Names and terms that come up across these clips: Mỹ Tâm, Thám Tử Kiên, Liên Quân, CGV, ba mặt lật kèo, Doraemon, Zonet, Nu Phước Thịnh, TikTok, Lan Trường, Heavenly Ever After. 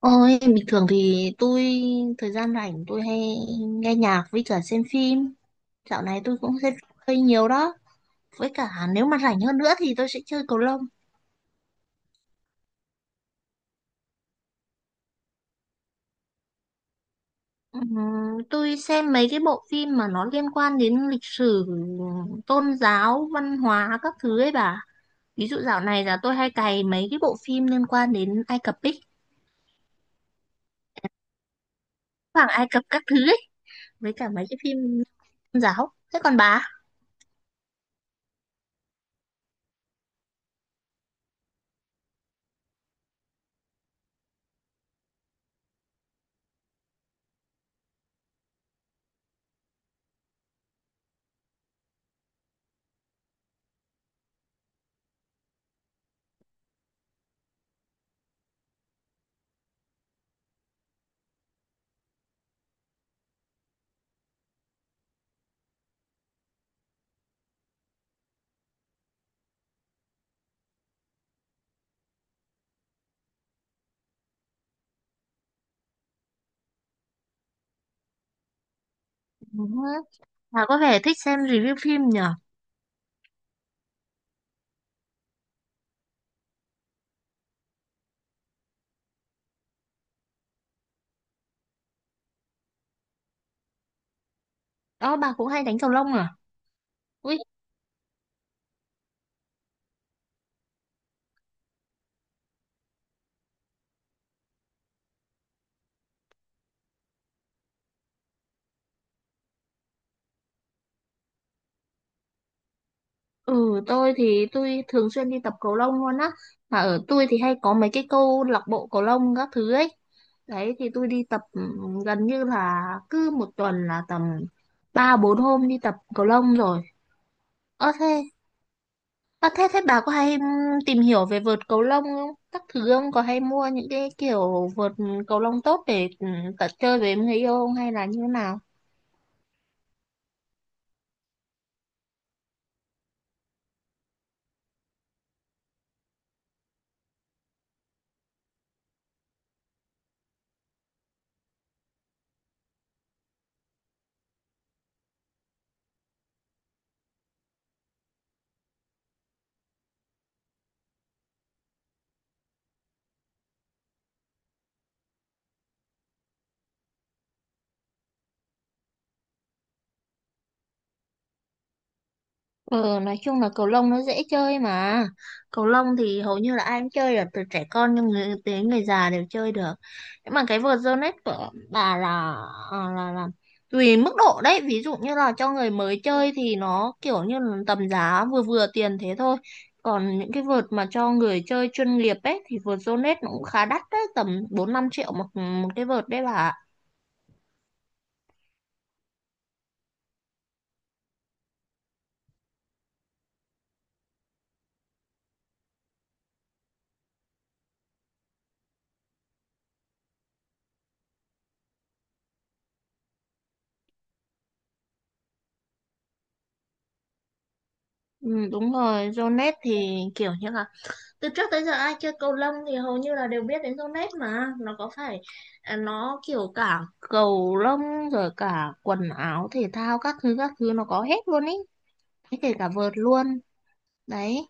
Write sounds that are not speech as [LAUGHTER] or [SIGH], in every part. Ôi, bình thường thì thời gian rảnh tôi hay nghe nhạc với cả xem phim. Dạo này tôi cũng xem phim hơi nhiều đó. Với cả nếu mà rảnh hơn nữa thì tôi sẽ chơi cầu lông. Ừm, tôi xem mấy cái bộ phim mà nó liên quan đến lịch sử, tôn giáo, văn hóa các thứ ấy bà. Ví dụ dạo này là tôi hay cày mấy cái bộ phim liên quan đến Ai Cập ấy, Hoàng Ai Cập các thứ ấy, với cả mấy cái phim tôn giáo. Thế còn bà? Ừm, Bà có vẻ thích xem review phim nhở? Đó, bà cũng hay đánh cầu lông à? Ui, ừ, tôi thì tôi thường xuyên đi tập cầu lông luôn á, mà ở tôi thì hay có mấy cái câu lạc bộ cầu lông các thứ ấy. Đấy thì tôi đi tập, gần như là cứ một tuần là tầm ba bốn hôm đi tập cầu lông rồi. Ơ thế ơ thế thế bà có hay tìm hiểu về vợt cầu lông không các thứ, không có hay mua những cái kiểu vợt cầu lông tốt để tập chơi với người yêu không, hay là như thế nào? Ừ, nói chung là cầu lông nó dễ chơi mà. Cầu lông thì hầu như là ai cũng chơi được, từ trẻ con nhưng người, đến người già đều chơi được. Nhưng mà cái vợt Zonet của bà là, à, là là tùy mức độ đấy. Ví dụ như là cho người mới chơi thì nó kiểu như là tầm giá vừa vừa tiền thế thôi. Còn những cái vợt mà cho người chơi chuyên nghiệp ấy thì vợt Zonet nó cũng khá đắt đấy, tầm bốn năm triệu một một cái vợt đấy bà ạ. Ừ, đúng rồi, Zonet thì kiểu như là từ trước tới giờ ai chơi cầu lông thì hầu như là đều biết đến Zonet, mà nó có phải, à, nó kiểu cả cầu lông rồi cả quần áo thể thao các thứ nó có hết luôn ý, thế kể cả vợt luôn đấy.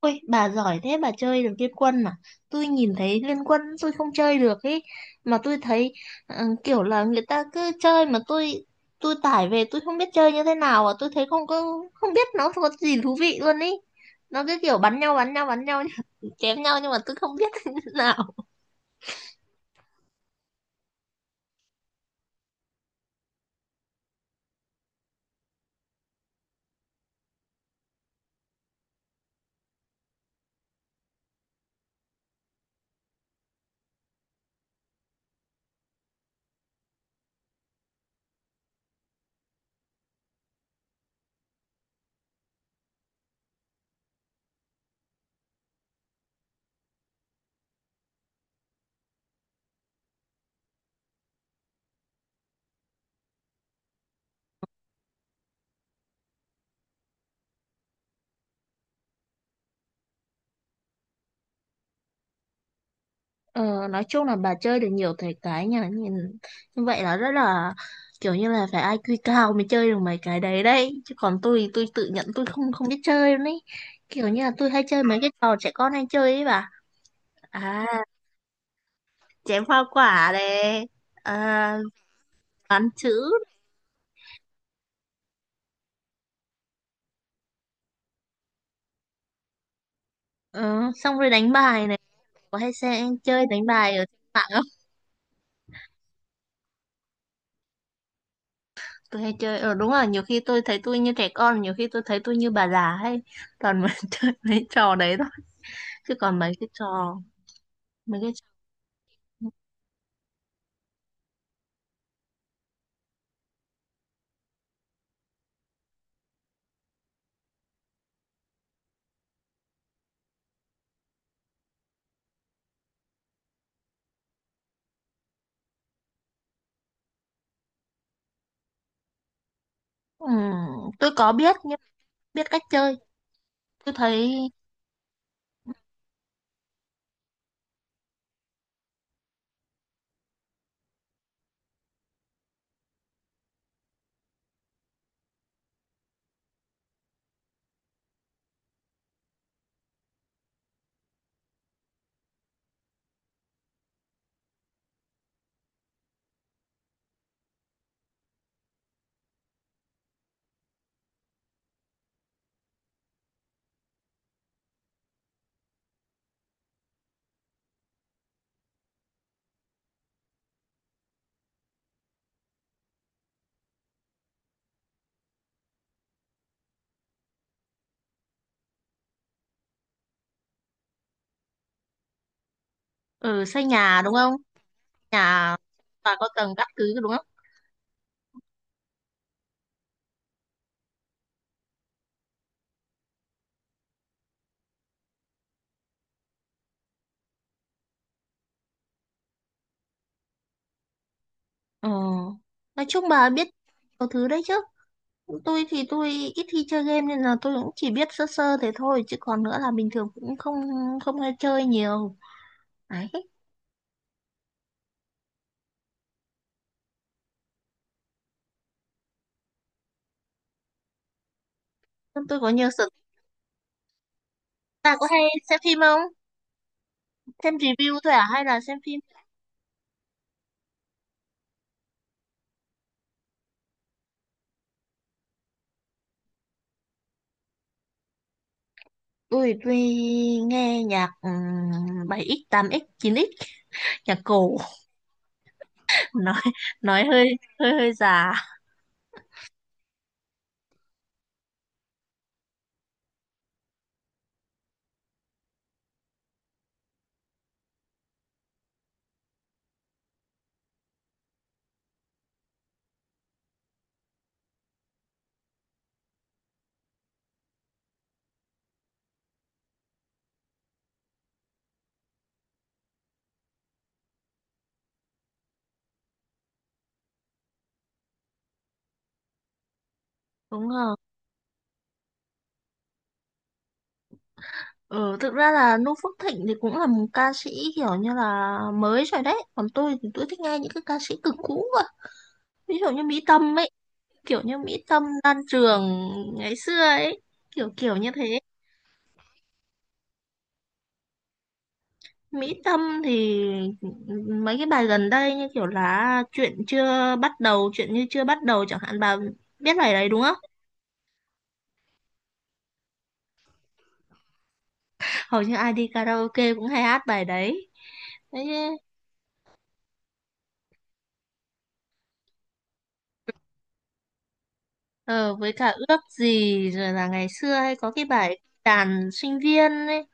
Ôi, bà giỏi thế bà chơi được Liên Quân à? Tôi nhìn thấy Liên Quân tôi không chơi được ấy. Mà tôi thấy kiểu là người ta cứ chơi mà tôi tải về tôi không biết chơi như thế nào à. Tôi thấy không có, không biết nó có gì thú vị luôn ấy. Nó cứ kiểu bắn nhau bắn nhau bắn nhau [LAUGHS] chém nhau nhưng mà tôi không biết [LAUGHS] thế nào. Ờ, nói chung là bà chơi được nhiều thể cái nha, nhìn như vậy là rất là kiểu như là phải IQ cao mới chơi được mấy cái đấy đấy, chứ còn tôi tự nhận tôi không không biết chơi luôn ấy, kiểu như là tôi hay chơi mấy cái trò trẻ con hay chơi ấy bà. À, chém hoa quả này, à, toán chữ, ờ, xong rồi đánh bài này, có hay sẽ chơi đánh bài ở trên mạng không? Tôi hay chơi, đúng là nhiều khi tôi thấy tôi như trẻ con, nhiều khi tôi thấy tôi như bà già hay toàn [LAUGHS] mà chơi mấy trò đấy thôi, chứ còn mấy cái trò, mấy cái... Ừ, tôi có biết nhưng biết cách chơi. Tôi thấy, ừ, xây nhà đúng không? Nhà và có tầng các thứ đúng không? Ừ. Nói chung bà biết nhiều thứ đấy chứ. Tôi thì tôi ít khi chơi game nên là tôi cũng chỉ biết sơ sơ thế thôi, chứ còn nữa là bình thường cũng không không hay chơi nhiều. Đấy. Nên tôi có nhiều sở thích. Bà có hay xem phim không? Xem review thôi à hay là xem phim? Tôi nghe nhạc 7x, 8x, 9x, nhạc cổ. [LAUGHS] nói nói hơi hơi hơi già đúng không? Ừ, thực ra là Nu Phước Thịnh thì cũng là một ca sĩ kiểu như là mới rồi đấy, còn tôi thì tôi thích nghe những cái ca sĩ cực cũ cơ, ví dụ như Mỹ Tâm ấy, kiểu như Mỹ Tâm, Lan Trường ngày xưa ấy, kiểu kiểu như thế. Mỹ Tâm thì mấy cái bài gần đây như kiểu là chuyện như chưa bắt đầu chẳng hạn, bà biết bài đấy đúng không? Hầu như ai đi karaoke cũng hay hát bài đấy. Đấy, Ờ, với cả ước gì, rồi là ngày xưa hay có cái bài đàn sinh viên ấy.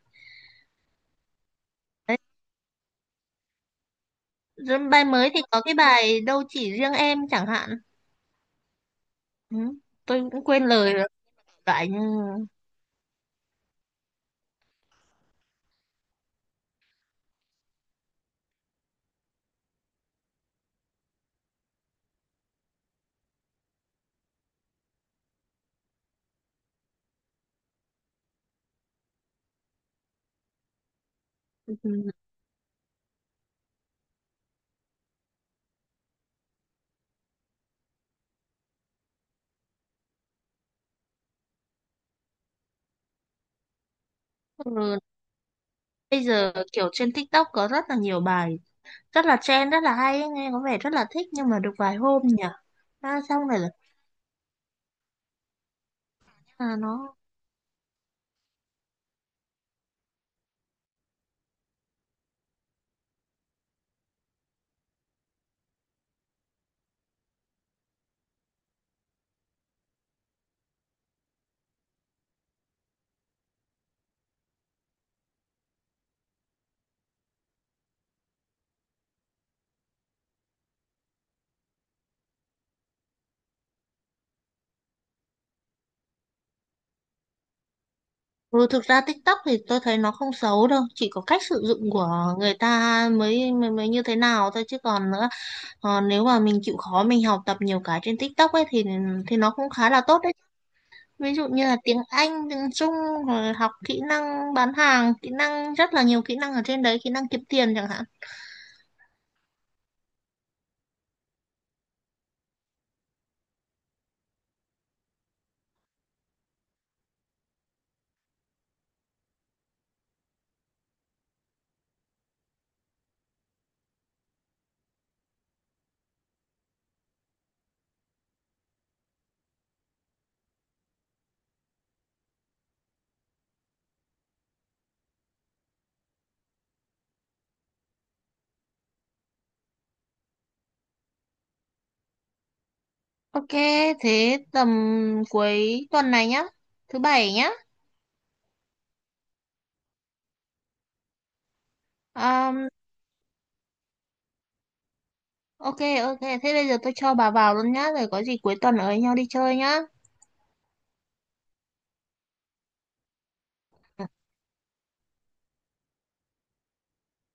Rồi bài mới thì có cái bài đâu chỉ riêng em chẳng hạn. Ừ, tôi cũng quên lời rồi lại nhưng. ừ, Bây giờ kiểu trên TikTok có rất là nhiều bài rất là trend rất là hay ấy, nghe có vẻ rất là thích nhưng mà được vài hôm nhỉ. À, xong rồi là, à nó. Ừ, thực ra TikTok thì tôi thấy nó không xấu đâu, chỉ có cách sử dụng của người ta mới mới, mới như thế nào thôi, chứ còn nữa. Còn nếu mà mình chịu khó mình học tập nhiều cái trên TikTok ấy thì nó cũng khá là tốt đấy. Ví dụ như là tiếng Anh, tiếng Trung, rồi học kỹ năng bán hàng, kỹ năng, rất là nhiều kỹ năng ở trên đấy, kỹ năng kiếm tiền chẳng hạn. Ok, thế tầm cuối tuần này nhá, thứ bảy nhá. Um, ok, ok, thế bây giờ tôi cho bà vào luôn nhá, rồi có gì cuối tuần ở với nhau đi chơi nhá.